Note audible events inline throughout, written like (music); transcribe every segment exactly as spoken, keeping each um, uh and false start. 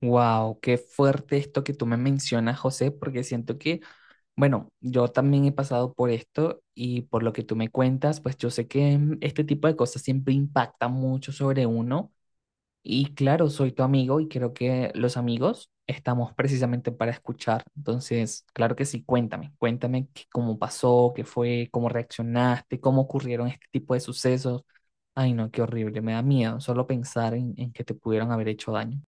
Wow, qué fuerte esto que tú me mencionas, José, porque siento que, bueno, yo también he pasado por esto y por lo que tú me cuentas, pues yo sé que mm, este tipo de cosas siempre impactan mucho sobre uno. Y claro, soy tu amigo y creo que los amigos estamos precisamente para escuchar. Entonces, claro que sí, cuéntame, cuéntame qué- cómo pasó, qué fue, cómo reaccionaste, cómo ocurrieron este tipo de sucesos. Ay, no, qué horrible, me da miedo solo pensar en, en que te pudieron haber hecho daño.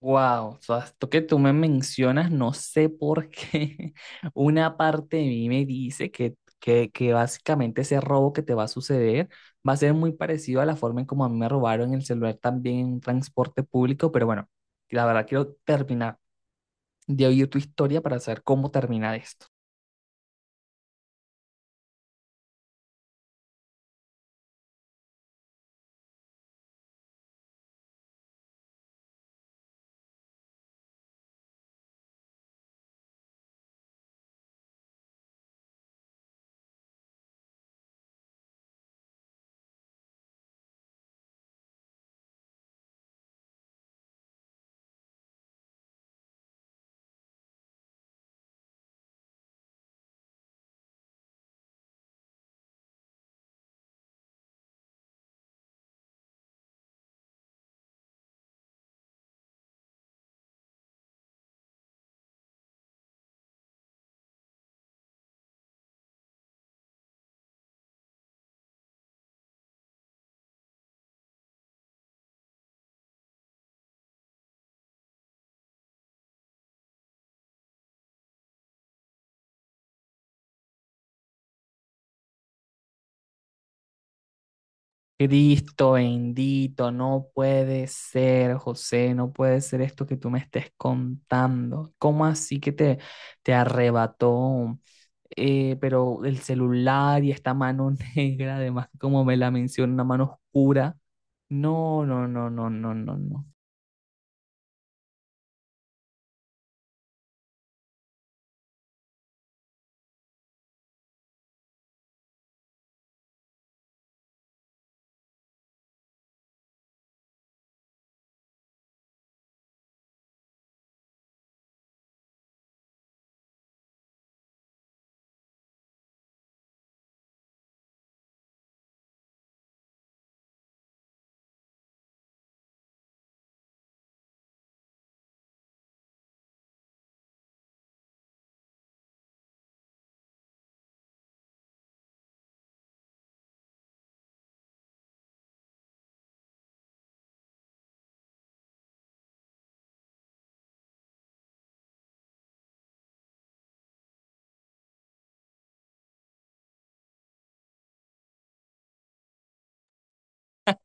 Wow, o sea, esto que tú me mencionas, no sé por qué (laughs) una parte de mí me dice que, que, que básicamente ese robo que te va a suceder va a ser muy parecido a la forma en como a mí me robaron el celular también en un transporte público, pero bueno, la verdad quiero terminar de oír tu historia para saber cómo termina esto. Cristo bendito, no puede ser, José, no puede ser esto que tú me estés contando. ¿Cómo así que te, te arrebató? Eh, pero el celular y esta mano (laughs) negra, además, como me la menciona, una mano oscura. No, no, no, no, no, no, no.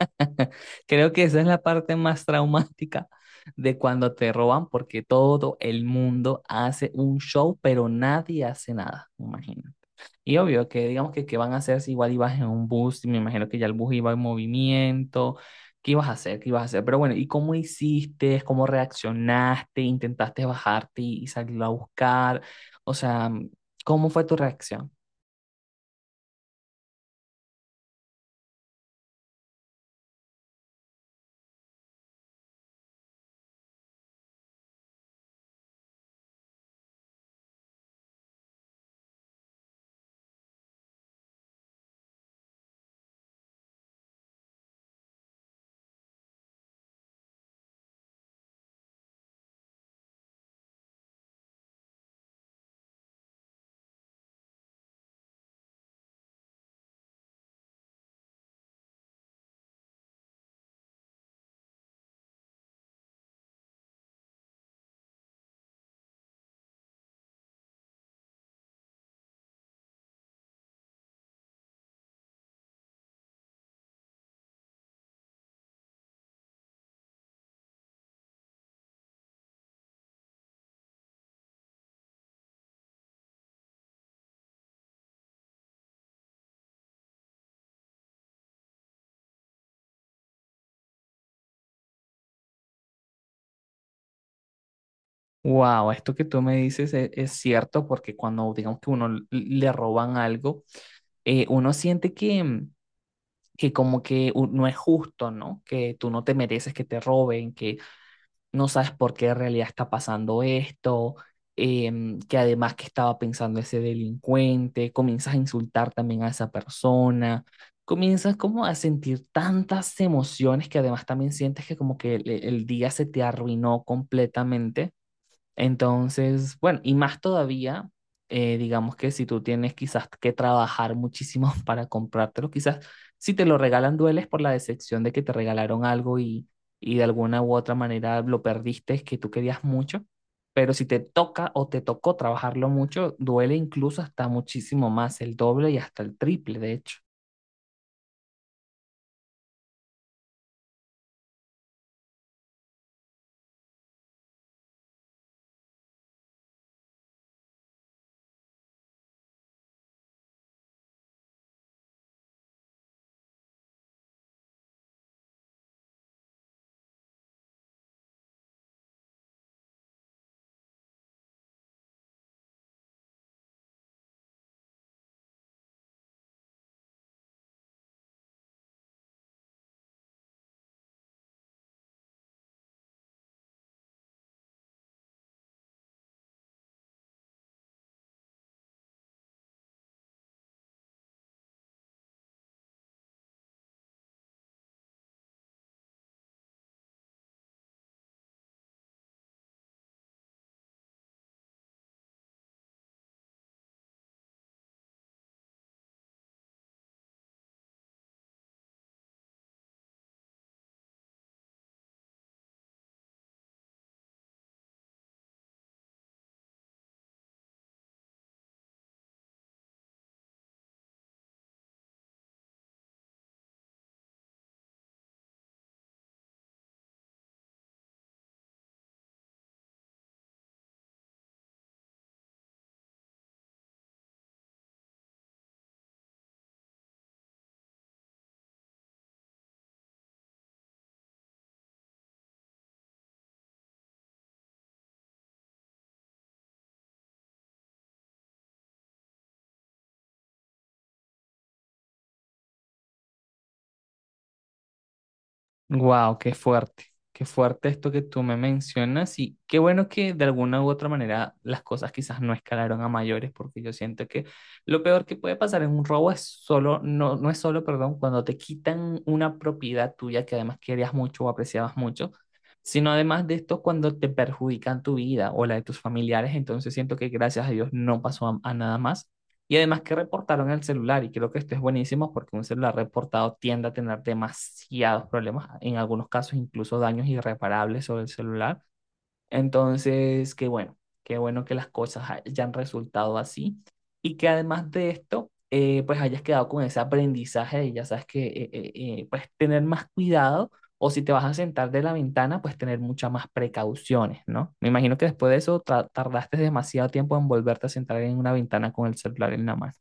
(laughs) Creo que esa es la parte más traumática de cuando te roban, porque todo el mundo hace un show, pero nadie hace nada, me imagino. Y obvio que digamos que qué van a hacer si igual ibas en un bus, y me imagino que ya el bus iba en movimiento, ¿qué ibas a hacer? ¿Qué ibas a hacer? Pero bueno, ¿y cómo hiciste? ¿Cómo reaccionaste? ¿Intentaste bajarte y y salirlo a buscar? O sea, ¿cómo fue tu reacción? Wow, esto que tú me dices e- es cierto, porque cuando digamos que uno l- le roban algo, eh, uno siente que, que como que u- no es justo, ¿no? Que tú no te mereces que te roben, que no sabes por qué en realidad está pasando esto, em, que además que estaba pensando ese delincuente, comienzas a insultar también a esa persona, comienzas como a sentir tantas emociones que además también sientes que como que el, el día se te arruinó completamente. Entonces, bueno, y más todavía, eh, digamos que si tú tienes quizás que trabajar muchísimo (laughs) para comprártelo, quizás si te lo regalan dueles por la decepción de que te regalaron algo y, y de alguna u otra manera lo perdiste, es que tú querías mucho, pero si te toca o te tocó trabajarlo mucho, duele incluso hasta muchísimo más, el doble y hasta el triple, de hecho. Wow, qué fuerte, qué fuerte esto que tú me mencionas y qué bueno que de alguna u otra manera las cosas quizás no escalaron a mayores, porque yo siento que lo peor que puede pasar en un robo es solo, no, no es solo, perdón, cuando te quitan una propiedad tuya que además querías mucho o apreciabas mucho, sino además de esto cuando te perjudican tu vida o la de tus familiares. Entonces siento que gracias a Dios no pasó a a nada más. Y además que reportaron el celular, y creo que esto es buenísimo porque un celular reportado tiende a tener demasiados problemas, en algunos casos incluso daños irreparables sobre el celular. Entonces, qué bueno, qué bueno que las cosas hayan resultado así, y que además de esto, eh, pues hayas quedado con ese aprendizaje y ya sabes que, eh, eh, eh, pues tener más cuidado, o si te vas a sentar de la ventana, pues tener muchas más precauciones, ¿no? Me imagino que después de eso tra- tardaste demasiado tiempo en volverte a sentar en una ventana con el celular en la mano.